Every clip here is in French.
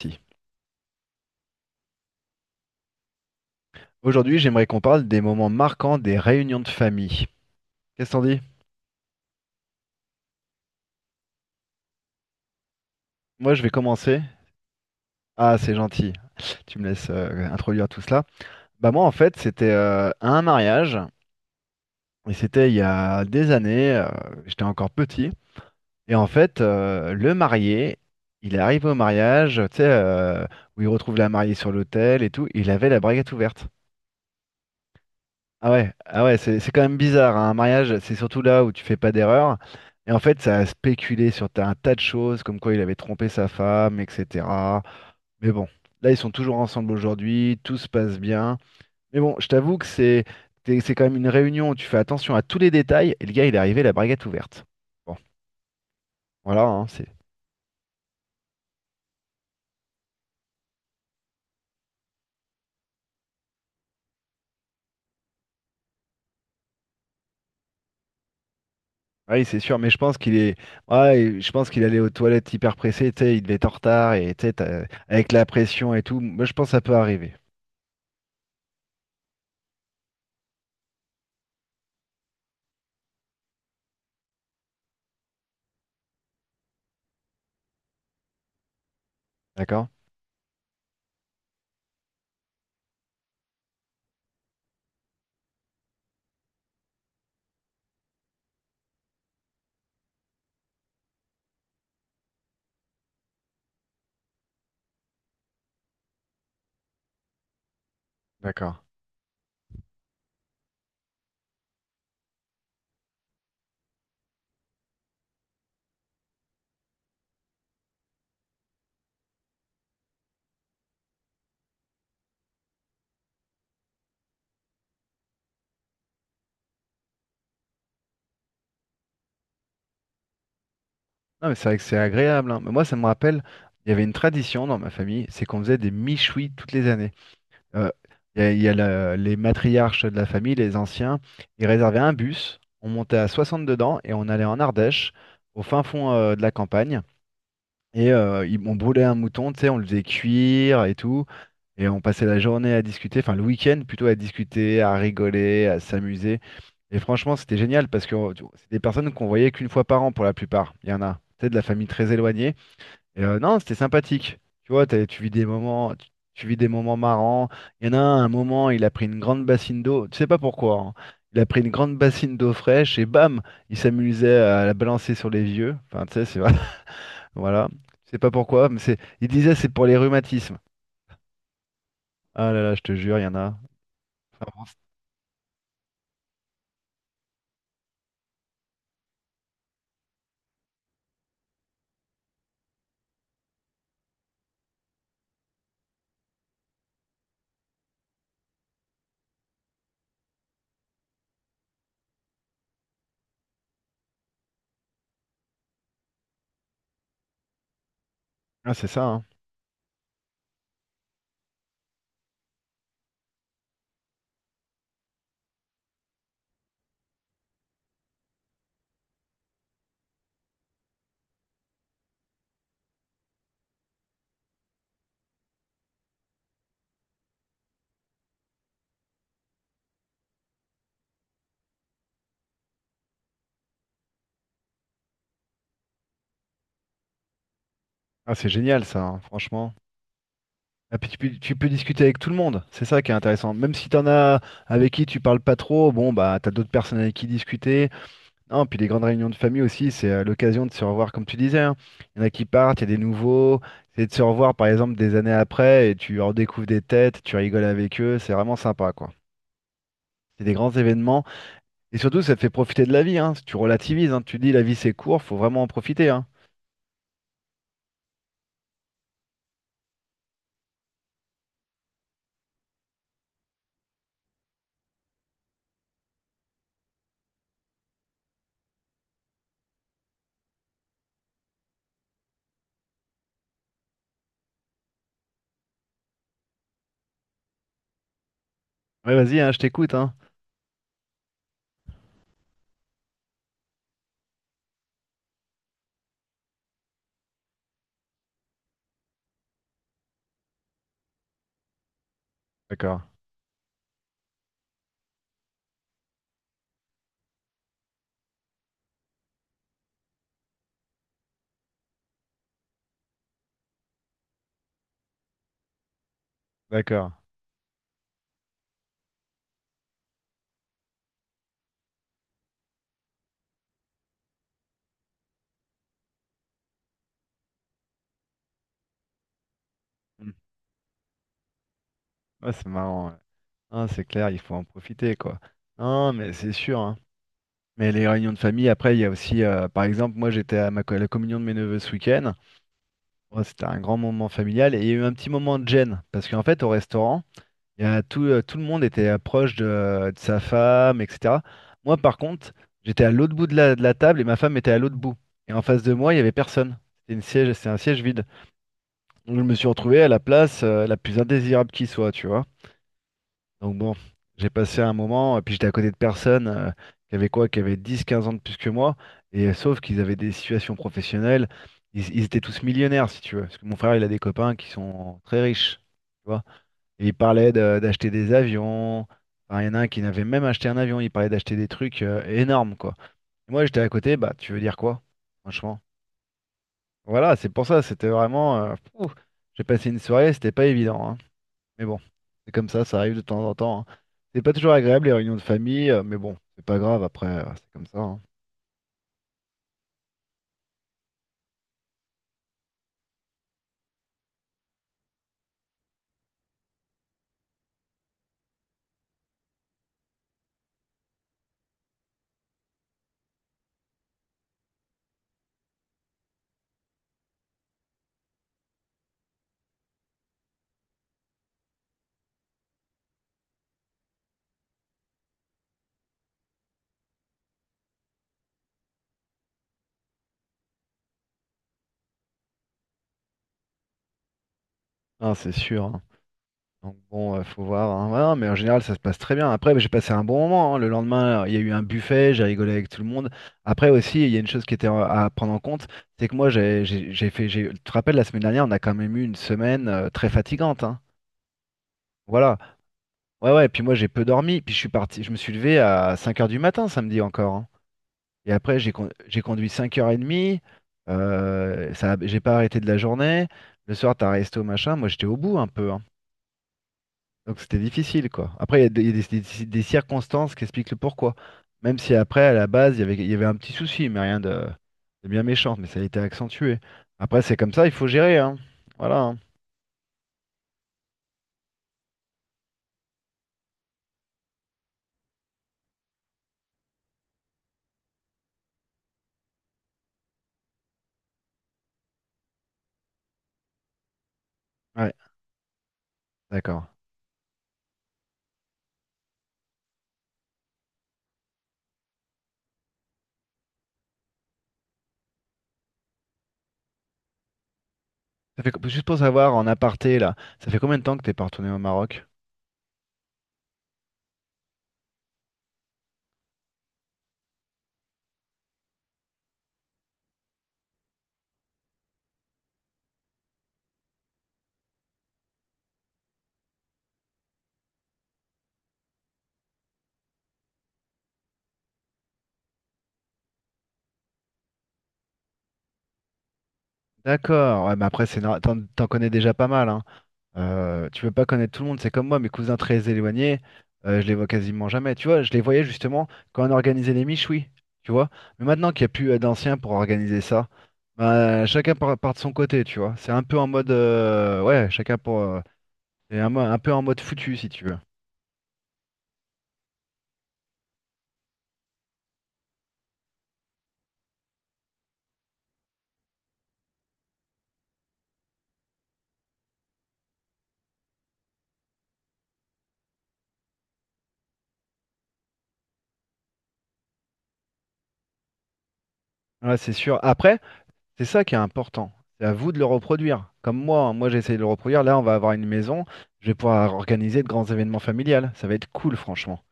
Si. Aujourd'hui, j'aimerais qu'on parle des moments marquants des réunions de famille. Qu'est-ce qu'on dit? Moi, je vais commencer. Ah, c'est gentil. Tu me laisses introduire tout cela. Bah moi, en fait, c'était à un mariage et c'était il y a des années. J'étais encore petit et en fait, le marié, il arrive au mariage, tu sais, où il retrouve la mariée sur l'autel et tout. Il avait la braguette ouverte. Ah ouais, ah ouais, c'est quand même bizarre, hein. Un mariage, c'est surtout là où tu fais pas d'erreur. Et en fait, ça a spéculé sur un tas de choses, comme quoi il avait trompé sa femme, etc. Mais bon, là, ils sont toujours ensemble aujourd'hui, tout se passe bien. Mais bon, je t'avoue que c'est quand même une réunion où tu fais attention à tous les détails. Et le gars, il est arrivé la braguette ouverte. Bon, voilà, hein, c'est. Ah oui, c'est sûr, mais je pense qu'il est. Ouais, je pense qu'il allait aux toilettes hyper pressé, tu sais, il devait être en retard et tu sais, avec la pression et tout. Moi, je pense que ça peut arriver. D'accord? D'accord. Non, mais c'est vrai que c'est agréable, hein. Mais moi, ça me rappelle, il y avait une tradition dans ma famille, c'est qu'on faisait des michouis toutes les années. Euh, il y a les matriarches de la famille, les anciens, ils réservaient un bus, on montait à 60 dedans et on allait en Ardèche, au fin fond de la campagne. Et on brûlait un mouton, tu sais, on le faisait cuire et tout. Et on passait la journée à discuter, enfin le week-end plutôt à discuter, à rigoler, à s'amuser. Et franchement, c'était génial parce que c'est des personnes qu'on voyait qu'une fois par an pour la plupart. Il y en a, tu sais, de la famille très éloignée. Et non, c'était sympathique. Tu vois, tu vis des moments, tu vis des moments marrants. Il y en a un moment, il a pris une grande bassine d'eau. Tu sais pas pourquoi, hein. Il a pris une grande bassine d'eau fraîche et bam, il s'amusait à la balancer sur les vieux. Enfin, tu sais, c'est voilà. Je sais pas pourquoi, mais c'est. Il disait c'est pour les rhumatismes. Ah là là, je te jure, il y en a. Enfin, bon, c'est- Ah, c'est ça, hein. Ah, c'est génial ça, hein, franchement. Et puis tu peux discuter avec tout le monde, c'est ça qui est intéressant. Même si t'en as avec qui tu parles pas trop, bon bah t'as d'autres personnes avec qui discuter. Non, puis les grandes réunions de famille aussi, c'est l'occasion de se revoir comme tu disais, hein. Il y en a qui partent, il y a des nouveaux. C'est de se revoir par exemple des années après et tu redécouvres des têtes, tu rigoles avec eux, c'est vraiment sympa quoi. C'est des grands événements. Et surtout, ça te fait profiter de la vie, hein. Tu relativises, hein. Tu dis la vie c'est court, faut vraiment en profiter, hein. Ouais, vas-y, hein, je t'écoute, hein. D'accord, d'accord. Hmm. Ouais, c'est marrant, ouais. Ah, c'est clair, il faut en profiter, quoi. Non, mais c'est sûr, hein. Mais les réunions de famille, après, il y a aussi, par exemple, moi j'étais à la communion de mes neveux ce week-end. Bon, c'était un grand moment familial et il y a eu un petit moment de gêne parce qu'en fait, au restaurant, il y a tout, tout le monde était proche de sa femme, etc. Moi, par contre, j'étais à l'autre bout de de la table et ma femme était à l'autre bout. Et en face de moi, il n'y avait personne. C'était une siège, c'est un siège vide. Donc, je me suis retrouvé à la place la plus indésirable qui soit, tu vois. Donc, bon, j'ai passé un moment, et puis j'étais à côté de personnes qui avaient quoi, qui avaient 10 15 ans de plus que moi. Et sauf qu'ils avaient des situations professionnelles. Ils étaient tous millionnaires, si tu veux. Parce que mon frère, il a des copains qui sont très riches, tu vois. Et il parlait d'acheter des avions. Enfin, il y en a un qui n'avait même acheté un avion. Il parlait d'acheter des trucs énormes, quoi. Et moi, j'étais à côté. Bah, tu veux dire quoi, franchement? Voilà, c'est pour ça. C'était vraiment. Fou. J'ai passé une soirée. C'était pas évident, hein. Mais bon, c'est comme ça. Ça arrive de temps en temps, hein. C'est pas toujours agréable les réunions de famille, mais bon, c'est pas grave. Après, c'est comme ça, hein. Ah, c'est sûr, hein. Donc bon, faut voir, hein. Ouais, non, mais en général, ça se passe très bien. Après, bah, j'ai passé un bon moment, hein. Le lendemain, il y a eu un buffet, j'ai rigolé avec tout le monde. Après aussi, il y a une chose qui était à prendre en compte, c'est que moi, Tu te rappelles, la semaine dernière, on a quand même eu une semaine très fatigante, hein. Voilà. Ouais, ouais. Puis moi, j'ai peu dormi. Puis je suis parti. Je me suis levé à 5 heures du matin samedi encore, hein. Et après, j'ai conduit cinq heures 30. Ça, j'ai pas arrêté de la journée. Le soir, t'as resté au machin. Moi, j'étais au bout un peu, hein. Donc c'était difficile, quoi. Après, il y a des circonstances qui expliquent le pourquoi. Même si après, à la base, il y avait un petit souci, mais rien de bien méchant, mais ça a été accentué. Après, c'est comme ça, il faut gérer, hein. Voilà, hein. Ouais, d'accord. Ça fait, juste pour savoir, en aparté, là, ça fait combien de temps que t'es pas retourné au Maroc? D'accord, ouais, mais après, c'est nor- t'en, t'en connais déjà pas mal, hein. Tu peux pas connaître tout le monde, c'est comme moi, mes cousins très éloignés, je les vois quasiment jamais. Tu vois, je les voyais justement quand on organisait les miches, oui, tu vois. Mais maintenant qu'il n'y a plus d'anciens pour organiser ça, bah, chacun part de son côté, tu vois. C'est un peu en mode, ouais, chacun pour, c'est un, un peu en mode foutu, si tu veux. Ouais, c'est sûr. Après, c'est ça qui est important. C'est à vous de le reproduire. Comme moi, hein, moi j'ai essayé de le reproduire. Là, on va avoir une maison. Je vais pouvoir organiser de grands événements familiales. Ça va être cool, franchement.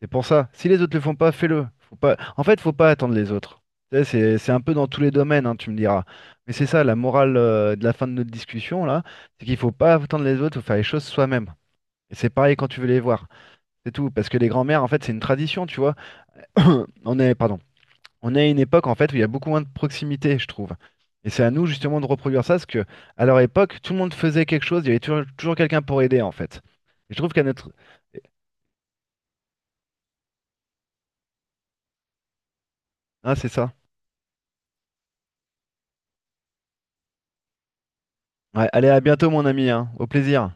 C'est pour ça. Si les autres le font pas, fais-le. Faut pas... En fait, faut pas attendre les autres. Tu sais, c'est un peu dans tous les domaines, hein, tu me diras. Mais c'est ça, la morale de la fin de notre discussion, là, c'est qu'il faut pas attendre les autres, faut faire les choses soi-même. Et c'est pareil quand tu veux les voir. C'est tout. Parce que les grands-mères, en fait, c'est une tradition, tu vois. On est, pardon. On est à une époque en fait où il y a beaucoup moins de proximité, je trouve. Et c'est à nous justement de reproduire ça, parce que à leur époque, tout le monde faisait quelque chose, il y avait toujours, toujours quelqu'un pour aider en fait. Et je trouve qu'à notre... Ah, c'est ça. Ouais, allez, à bientôt mon ami, hein. Au plaisir.